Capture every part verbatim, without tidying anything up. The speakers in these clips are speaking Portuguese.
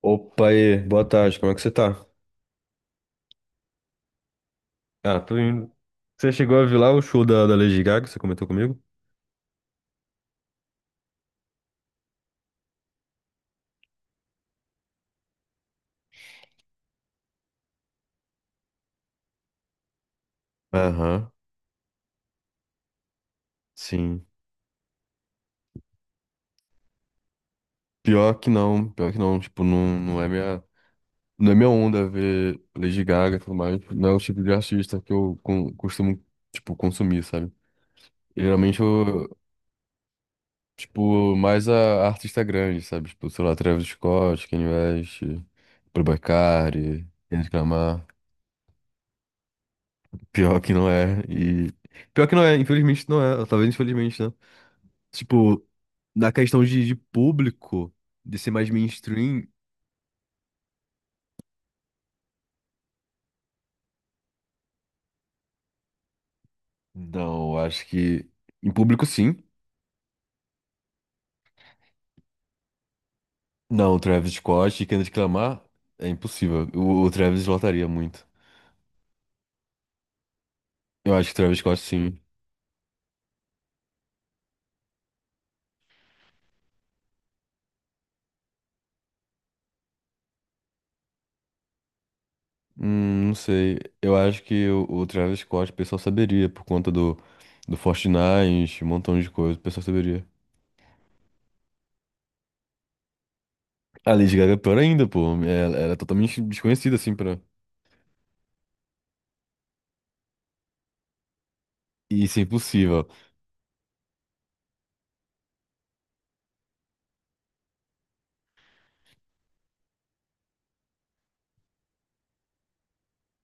Opa, aí, boa tarde, como é que você tá? Ah, tô indo. Você chegou a ver lá o show da, da Lady Gaga, que você comentou comigo? Aham, sim. Pior que não, pior que não, tipo, não, não é minha, não é minha onda ver Lady Gaga e tudo mais, não é o tipo de artista que eu con- costumo, tipo, consumir, sabe? Geralmente eu, tipo, mais a, a artista grande, sabe? Tipo, sei lá, Travis Scott, Kanye West, Playboi Carti, Kendrick Lamar. Pior que não é, e... Pior que não é, infelizmente não é, talvez infelizmente, né? Tipo, na questão de, de público, de ser mais mainstream, não, eu acho que em público sim. Não, o Travis Scott e Kendrick Lamar é impossível. O, o Travis lotaria muito. Eu acho que o Travis Scott sim. Hum, não sei. Eu acho que o, o Travis Scott o pessoal saberia por conta do, do Fortnite, um montão de coisa, o pessoal saberia. A Lady Gaga é pior ainda, pô. Ela, ela é totalmente desconhecida assim pra. Isso é impossível.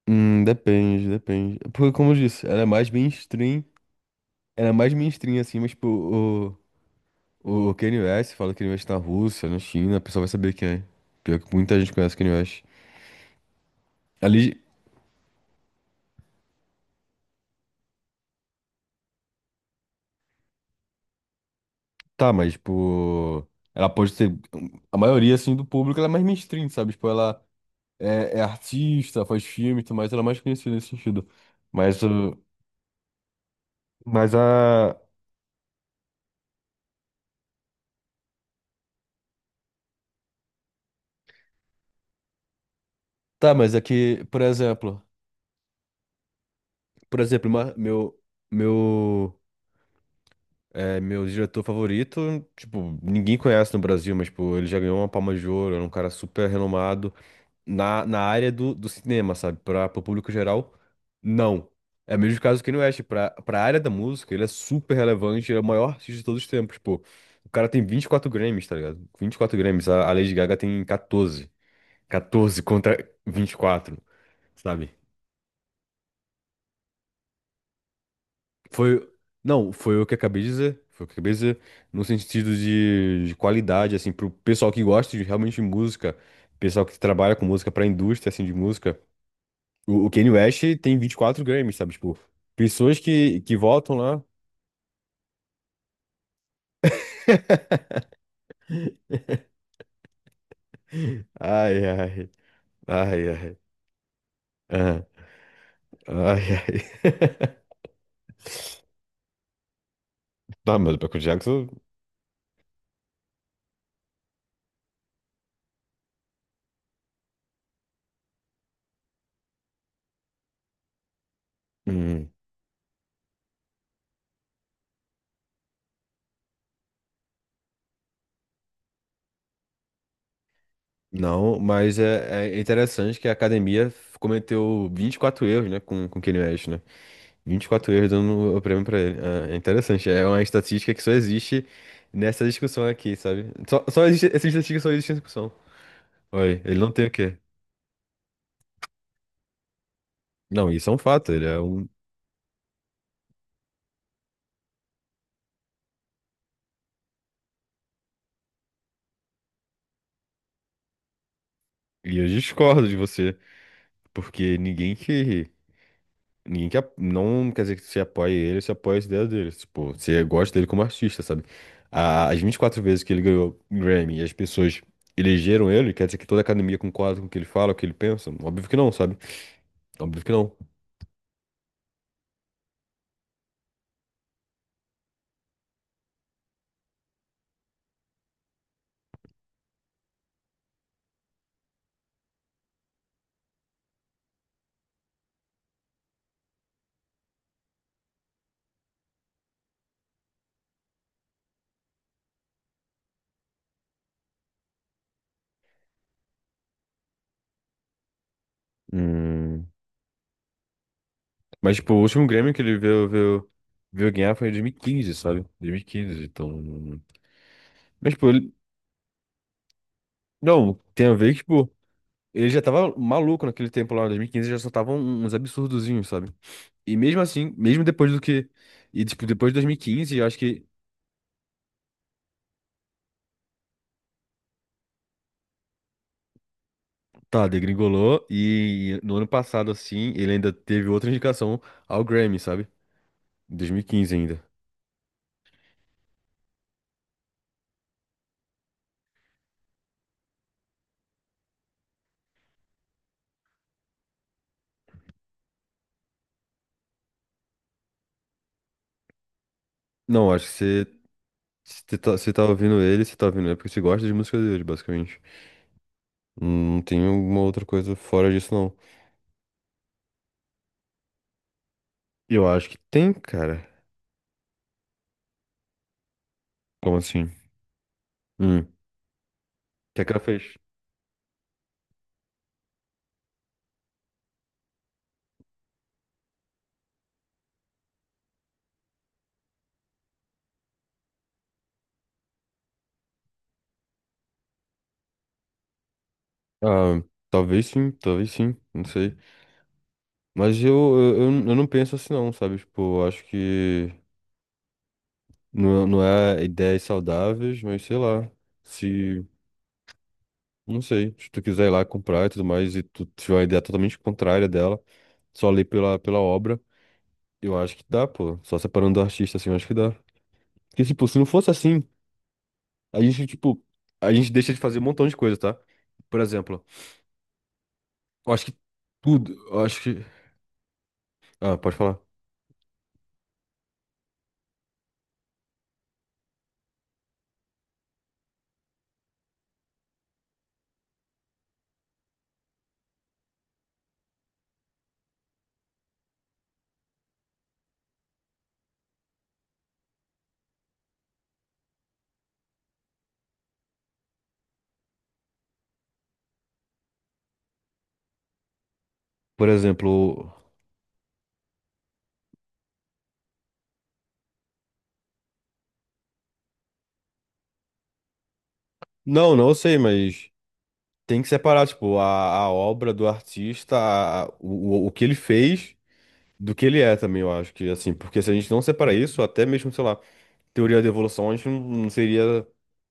Hum, depende, depende. Porque, como eu disse, ela é mais mainstream. Era mais mainstream, assim, mas, tipo, o, o Kanye West, fala que Kanye West tá na Rússia, na China, a pessoa vai saber quem é. Pior que muita gente conhece o Kanye West. Ali, tá, mas, tipo, ela pode ser. A maioria, assim, do público, ela é mais mainstream, sabe? Tipo, ela é, é artista, faz filme e tudo mais, ela é mais conhecida nesse sentido. Mas, o- mas a. Tá, mas aqui, por exemplo. Por exemplo, ma- meu. Meu. É meu diretor favorito, tipo, ninguém conhece no Brasil, mas, tipo, ele já ganhou uma Palma de Ouro, é um cara super renomado na, na área do, do cinema, sabe? Para o público geral, não. É o mesmo caso que no West, pra, pra área da música, ele é super relevante, ele é o maior artista de todos os tempos, pô. O cara tem vinte e quatro Grammys, tá ligado? Vinte e quatro Grammys, a, a Lady Gaga tem catorze. catorze contra vinte e quatro, sabe? Foi. Não, foi o que eu acabei de dizer. Foi o que eu acabei de dizer. No sentido de, de qualidade, assim, pro pessoal que gosta de realmente de música, pessoal que trabalha com música, pra indústria, assim, de música. O, o Kanye West tem vinte e quatro Grammys, sabe? Tipo, pessoas que, que votam lá. Ai, ai, ai, ai. Ah, ai, ai. Tá, mas o Michael Jackson. hum, Não, mas é, é interessante que a academia cometeu vinte e quatro erros, né, com, com Kanye West, né? Vinte e quatro erros dando o prêmio pra ele. É é interessante. É uma estatística que só existe nessa discussão aqui, sabe? Só, só existe, essa estatística só existe nessa discussão. Olha, ele não tem o quê? Não, isso é um fato. Ele é um. E eu discordo de você. Porque ninguém que. Ninguém que. ap- Não quer dizer que você apoie ele, você apoia as ideias dele. Tipo, você gosta dele como artista, sabe? A- As vinte e quatro vezes que ele ganhou Grammy e as pessoas elegeram ele, quer dizer que toda a academia concorda com o que ele fala, o que ele pensa? Óbvio que não, sabe? Óbvio que não. Hum, Mas, tipo, o último Grêmio que ele veio, veio, veio, ganhar foi em dois mil e quinze, sabe? Dois mil e quinze, então... Mas, tipo, ele... Não, tem a ver que, tipo, ele já tava maluco naquele tempo lá, em dois mil e quinze, já só tava um- uns absurdozinhos, sabe? E mesmo assim, mesmo depois do que... E, tipo, depois de dois mil e quinze, eu acho que, tá, degringolou e no ano passado, assim, ele ainda teve outra indicação ao Grammy, sabe? Em dois mil e quinze ainda. Não, acho que você... Você tá, você tá ouvindo ele, você tá ouvindo ele porque você gosta de música dele, basicamente. Não tem alguma outra coisa fora disso, não. Eu acho que tem, cara. Como assim? Hum. O que é que ela fez? Ah, talvez sim, talvez sim, não sei. Mas eu, eu, eu eu não penso assim, não, sabe? Tipo, eu acho que não, não é ideias saudáveis, mas sei lá. Se, não sei, se tu quiser ir lá comprar e tudo mais, e tu tiver uma ideia totalmente contrária dela, só ali pela, pela obra, eu acho que dá, pô. Só separando do artista, assim, eu acho que dá. Porque, tipo, se não fosse assim. A gente, tipo, a gente deixa de fazer um montão de coisa, tá? Por exemplo, eu acho que tudo, eu acho que. Ah, pode falar. Por exemplo. Não, não sei, mas tem que separar, tipo, a, a obra do artista, a- a- o, o o que ele fez do que ele é também, eu acho que, assim, porque se a gente não separar isso, até mesmo, sei lá. Teoria da evolução a gente não não seria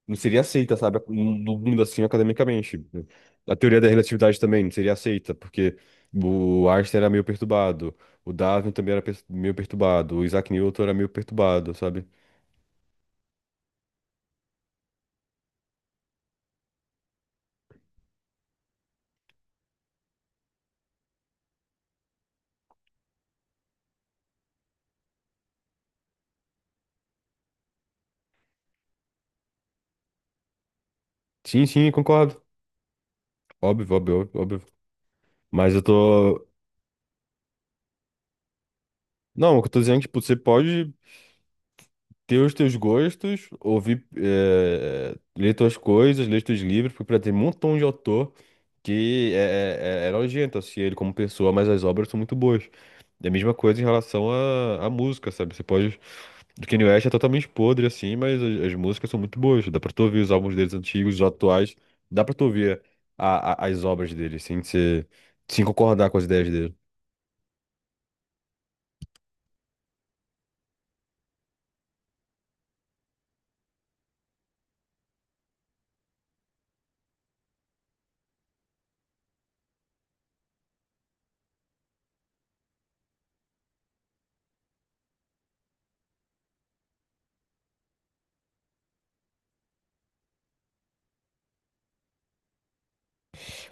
não seria aceita, sabe, no mundo assim academicamente. A teoria da relatividade também não seria aceita, porque o Einstein era meio perturbado, o Darwin também era pers- meio perturbado, o Isaac Newton era meio perturbado, sabe? Sim, sim, concordo. Óbvio, óbvio, óbvio. Mas eu tô. Não, o que eu tô dizendo, tipo, você pode ter os teus gostos, ouvir, eh, ler tuas coisas, ler teus livros, porque pra, tem um montão de autor que é, é, é é nojento, assim, ele como pessoa, mas as obras são muito boas. É a mesma coisa em relação à à música, sabe? Você pode. O Kanye West é totalmente podre, assim, mas as, as músicas são muito boas. Dá pra tu ouvir os álbuns deles antigos, os atuais. Dá pra tu ouvir a- a- as obras dele, assim, sem se, sem concordar com as ideias dele.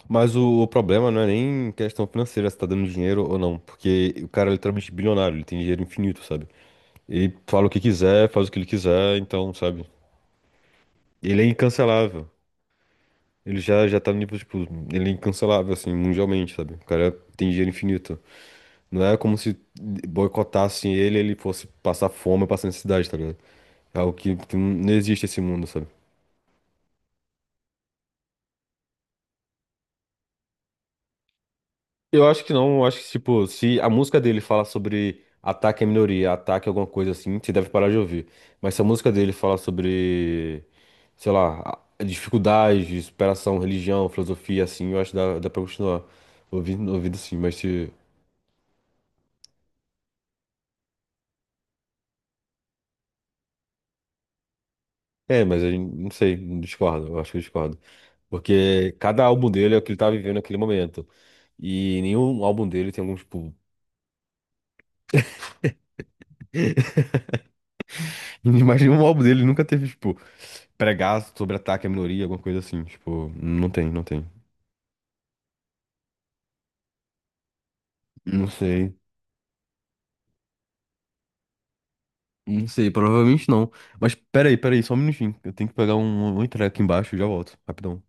Mas o, o problema não é nem questão financeira, se tá dando dinheiro ou não. Porque o cara é literalmente bilionário, ele tem dinheiro infinito, sabe? Ele fala o que quiser, faz o que ele quiser, então, sabe? Ele é incancelável. Ele já, já tá no nível, tipo, ele é incancelável, assim, mundialmente, sabe? O cara tem dinheiro infinito. Não é como se boicotassem ele, e ele fosse passar fome, passar necessidade, tá ligado? É algo que que não existe esse mundo, sabe? Eu acho que não, eu acho que, tipo, se a música dele fala sobre ataque à minoria, ataque a alguma coisa assim, você deve parar de ouvir. Mas se a música dele fala sobre, sei lá, a- dificuldades, superação, religião, filosofia, assim, eu acho que dá, dá, pra continuar ouvindo, ouvindo sim, mas se... É, mas eu não sei, discordo, eu acho que eu discordo. Porque cada álbum dele é o que ele tá vivendo naquele momento. E nenhum álbum dele tem algum, tipo. Imagina um álbum dele nunca teve, tipo, pregar sobre ataque à minoria, alguma coisa assim. Tipo, não tem, não tem. Não sei. Não sei, provavelmente não. Mas peraí, peraí, só um minutinho. Eu tenho que pegar um, um entrega aqui embaixo e já volto. Rapidão.